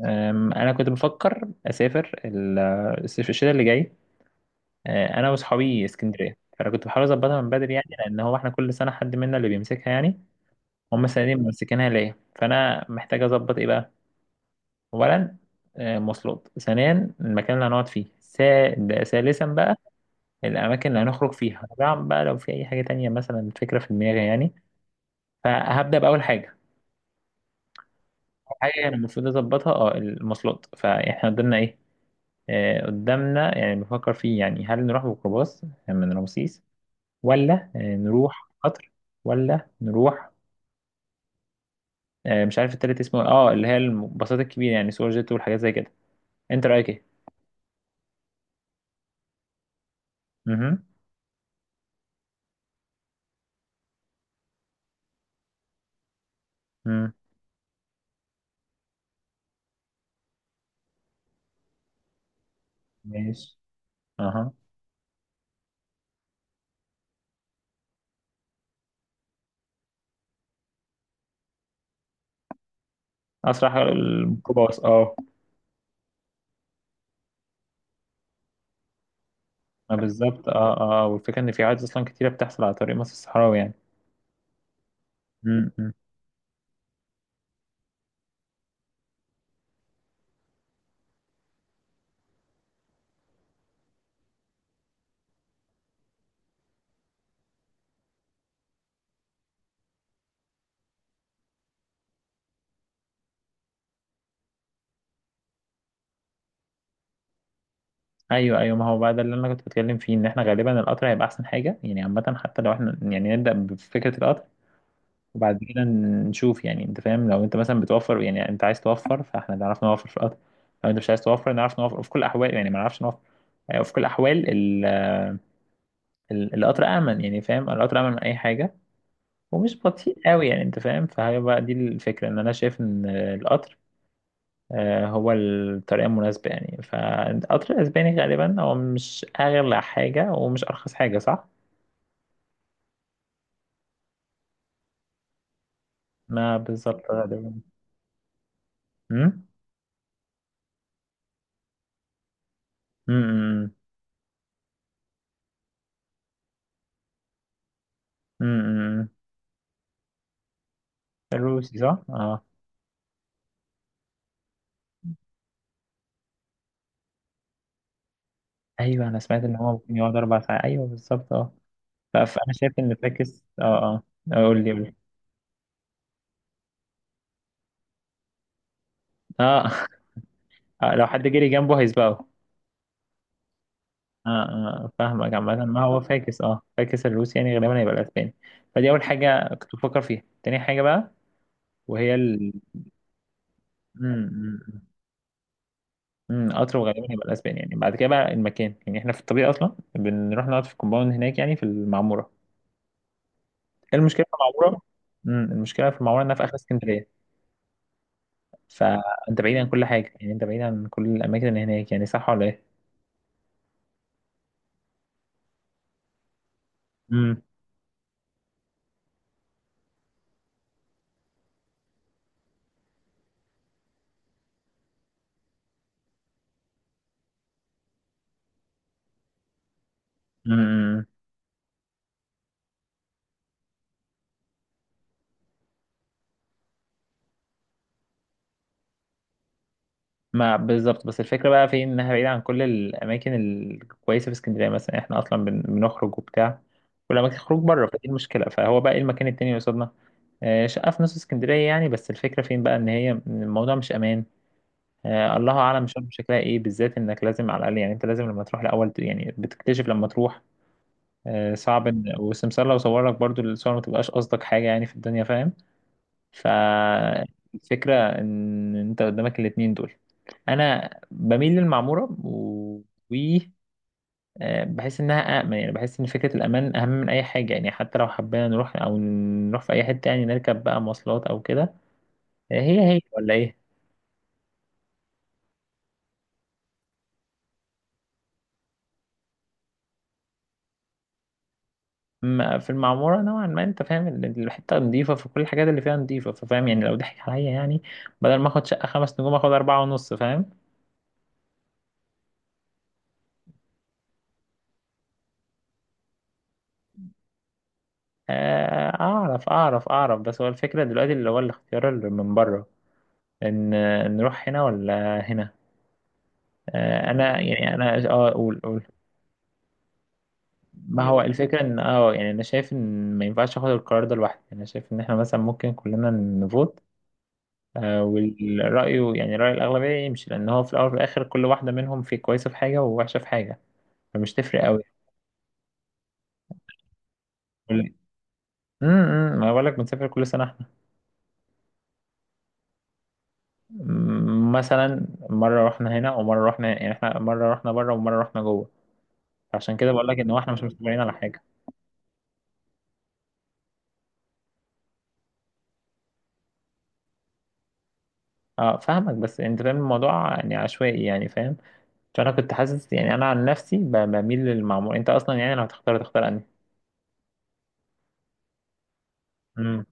انا كنت بفكر اسافر الصيف الشتاء اللي جاي. انا واصحابي اسكندريه، فانا كنت بحاول اظبطها من بدري، يعني لان هو احنا كل سنه حد منا اللي بيمسكها يعني. هم السنه دي ممسكينها ليا، فانا محتاج اظبط ايه بقى. اولا مواصلات، ثانيا المكان اللي هنقعد فيه، ثالثا بقى الاماكن اللي هنخرج فيها، رابعا بقى لو في اي حاجه تانية، مثلا فكره في دماغي يعني. فهبدا باول حاجه. أول حاجه انا المفروض اظبطها المواصلات، فاحنا قدامنا ايه؟ قدامنا يعني بفكر فيه، يعني هل نروح بميكروباص من رمسيس، ولا نروح قطر، ولا نروح، مش عارف التالت اسمه، اللي هي الباصات الكبيرة، يعني سوبر جيت والحاجات زي كده. انت رأيك ايه؟ اها. أمم. ماشي. اها. اسرع الميكروباص، اه. ما بالظبط، اه، اه، والفكرة ان في حوادث اصلا كتيرة بتحصل على طريق مصر الصحراوي يعني. أمم، أمم. ايوه، ايوه. ما هو بقى ده اللي انا كنت بتكلم فيه ان احنا غالبا القطر هيبقى احسن حاجة، يعني عامة حتى لو احنا يعني نبدأ بفكرة القطر. وبعد كده نشوف، يعني انت فاهم، لو انت مثلا بتوفر، يعني انت عايز توفر، فاحنا نعرف نوفر في القطر. لو انت مش عايز توفر نعرف نوفر في كل الاحوال، يعني ما نعرفش نوفر. يعني في كل الاحوال القطر امن، يعني فاهم، القطر امن من اي حاجه. ومش بطيء قوي، يعني انت فاهم، فهي بقى دي الفكره ان انا شايف ان القطر هو الطريقه المناسبه، يعني فالقطر الاسباني غالبا هو مش اغلى حاجه ومش ارخص حاجه، صح. ما بالظبط غالبا. امم، امم، امم. الروسي صح، اه. ايوه، انا سمعت ان هو ممكن يقعد 4 ساعات، ايوه بالظبط، اه. فانا شايف ان فاكس، اه، اه، قول لي، قول لي، اه. لو حد جري جنبه هيسبقه. اه، اه، فاهمك عامة، ما هو فاكس الروسي يعني غالبا هيبقى الاسباني. فدي اول حاجة كنت بفكر فيها. تاني حاجة بقى وهي ال امم اطرو غالبا هيبقى الاسباني، يعني بعد كده بقى المكان، يعني احنا في الطبيعي اصلا بنروح نقعد في الكومباوند هناك يعني في المعمورة. إيه المشكلة في المعمورة؟ المشكلة في المعمورة انها في اخر اسكندرية. فانت بعيد عن كل حاجه، يعني انت بعيد عن كل الاماكن اللي هناك، يعني صح ولا ايه؟ امم، امم. ما بالظبط، بس الفكره بقى في انها بعيده عن كل الاماكن الكويسه في اسكندريه، مثلا احنا اصلا بنخرج وبتاع. والاماكن خروج بره، فدي المشكله. فهو بقى ايه المكان التاني اللي قصادنا؟ شقه في نص اسكندريه، يعني بس الفكره فين بقى ان هي الموضوع مش امان. الله اعلم شرم شكلها ايه، بالذات انك لازم على الاقل، يعني انت لازم لما تروح الاول، يعني بتكتشف لما تروح. صعب ان، والسمسار لو صور لك برضو الصور ما تبقاش قصدك حاجه يعني في الدنيا، فاهم. فالفكرة إن أنت قدامك الاتنين دول. أنا بميل للمعمورة و- بحس إنها أأمن، يعني بحس إن فكرة الأمان أهم من أي حاجة، يعني حتى لو حبينا نروح أو نروح في أي حتة يعني نركب بقى مواصلات أو كده. هي هي ولا إيه؟ أما في المعمورة نوعا ما أنت فاهم الحتة نضيفة، فكل الحاجات اللي فيها نضيفة، ففاهم يعني لو ضحك عليا يعني بدل ما آخد شقة خمس نجوم آخد أربعة ونص، فاهم؟ أعرف أعرف أعرف، بس هو الفكرة دلوقتي اللي هو الاختيار اللي من بره ان نروح هنا ولا هنا؟ انا يعني انا اقول، اقول. ما هو الفكره ان يعني انا شايف ان ما ينفعش اخد القرار ده لوحدي، انا شايف ان احنا مثلا ممكن كلنا نفوت. والرأي يعني رأي الأغلبية يمشي، لأن هو في الأول وفي الآخر كل واحدة منهم في كويسة في حاجة ووحشة في حاجة. فمش تفرق أوي. كل- إمم. ما بقولك بنسافر كل سنة احنا. مثلا مرة رحنا هنا ومرة رحنا، يعني احنا مرة رحنا بره ومرة رحنا جوه. عشان كده بقولك إن هو احنا مش مستمرين على حاجة. اه، فاهمك، بس انت فاهم الموضوع يعني عشوائي، يعني فاهم. عشان انا كنت حاسس يعني انا عن نفسي بميل للمعمول. انت اصلا يعني لو هتختار تختار انهي؟ مم.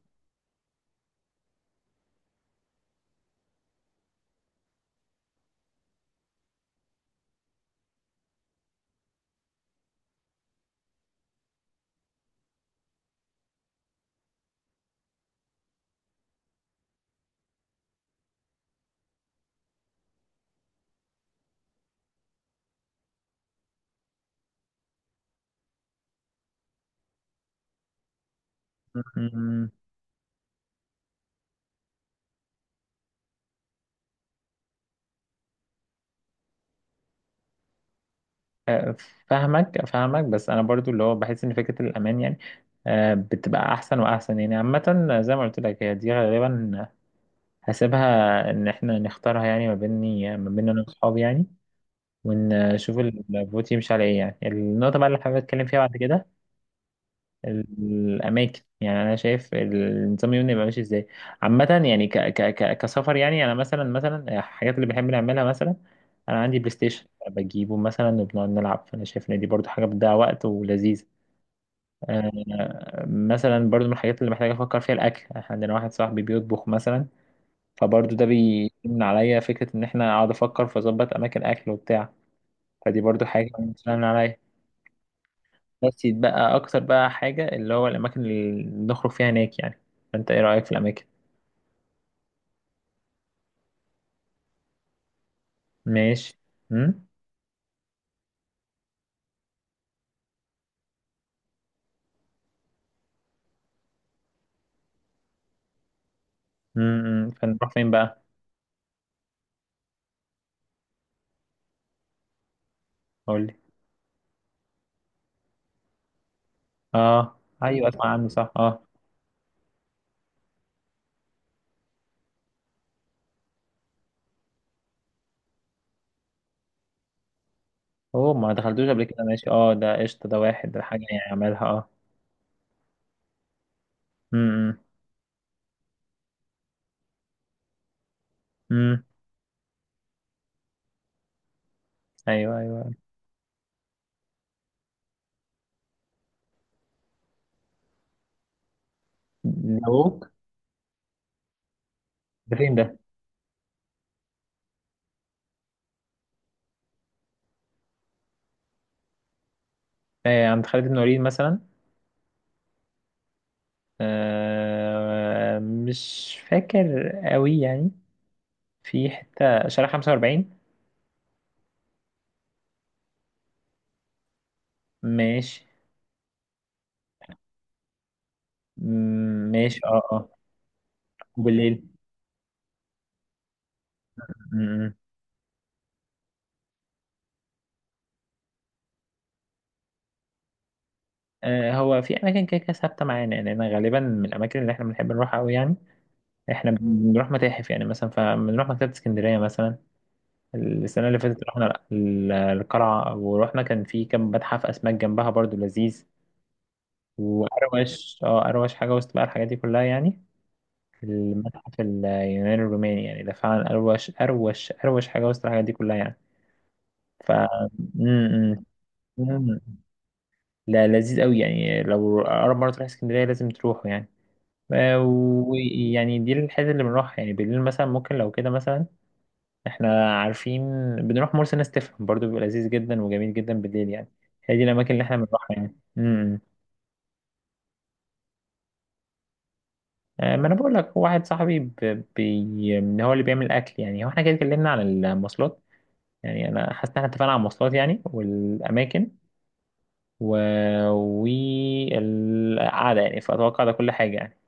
مم. فاهمك، فاهمك. بس انا برضو اللي هو بحس ان فكرة الامان يعني بتبقى احسن واحسن، يعني عامة زي ما قلت لك هي دي غالبا. هسيبها ان احنا نختارها، يعني ما بيني ما بين انا واصحابي يعني. ونشوف الفوت يمشي على ايه. يعني النقطة بقى اللي حابب اتكلم فيها بعد كده الاماكن، يعني انا شايف النظام اليومي يبقى ماشي ازاي. عامه يعني ك ك ك كسفر، يعني انا مثلا، مثلا الحاجات اللي بنحب نعملها مثلا. انا عندي بلاي ستيشن بجيبه مثلا وبنقعد نلعب، فانا شايف ان دي برضو حاجه بتضيع وقت ولذيذه. مثلا برضو من الحاجات اللي محتاجه افكر فيها الاكل، احنا عندنا واحد صاحبي بيطبخ مثلا. فبرضو ده بيمنع عليا فكره ان احنا اقعد افكر فاظبط اماكن اكل وبتاع. فدي برضو حاجه بتسهل عليا. بس يتبقى اكتر بقى حاجة اللي هو الاماكن اللي نخرج فيها هناك يعني. فانت ايه رأيك في الاماكن؟ ماشي. امم، امم. فنروح فين بقى؟ قول لي. اه، ايوه، اسمع عنه صح، اه. هو ما دخلتوش قبل كده، ماشي، اه. ده قشطة. ده واحد ده حاجة يعني عملها، اه. امم، امم، ايوه، ايوه. نوك. ده فين ده؟ آه، عند خالد بن وليد مثلا. آه، مش فاكر قوي يعني، في حتة شارع 45. ماشي. مم، ماشي. اه، آه. وبالليل. م- هو في اماكن كده كده ثابته معانا، يعني انا غالبا من الاماكن اللي احنا بنحب نروحها قوي يعني. احنا بنروح متاحف يعني مثلا، فبنروح مكتبه اسكندريه مثلا. السنه اللي فاتت رحنا القلعه، ورحنا كان في كم متحف اسماك جنبها برضو لذيذ. واروش اه اروش حاجه وسط بقى الحاجات دي كلها يعني. المتحف اليوناني الروماني، يعني ده فعلا اروش اروش اروش حاجه وسط الحاجات دي كلها يعني. ف م- م- م- لا، لذيذ قوي يعني. لو اقرب مره تروح اسكندريه لازم تروحوا يعني. آه، ويعني دي الحتة اللي بنروح، يعني بالليل مثلا ممكن لو كده مثلا. احنا عارفين. بنروح مرسى نستفهم، برضو بيبقى لذيذ جدا وجميل جدا بالليل يعني. هي دي الأماكن اللي احنا بنروحها يعني. امم، ما انا بقول لك واحد صاحبي هو اللي بيعمل اكل. يعني هو احنا كده اتكلمنا عن المواصلات، يعني انا حاسس ان احنا اتفقنا على المواصلات يعني والاماكن و... والقعده، يعني فاتوقع ده كل حاجه يعني.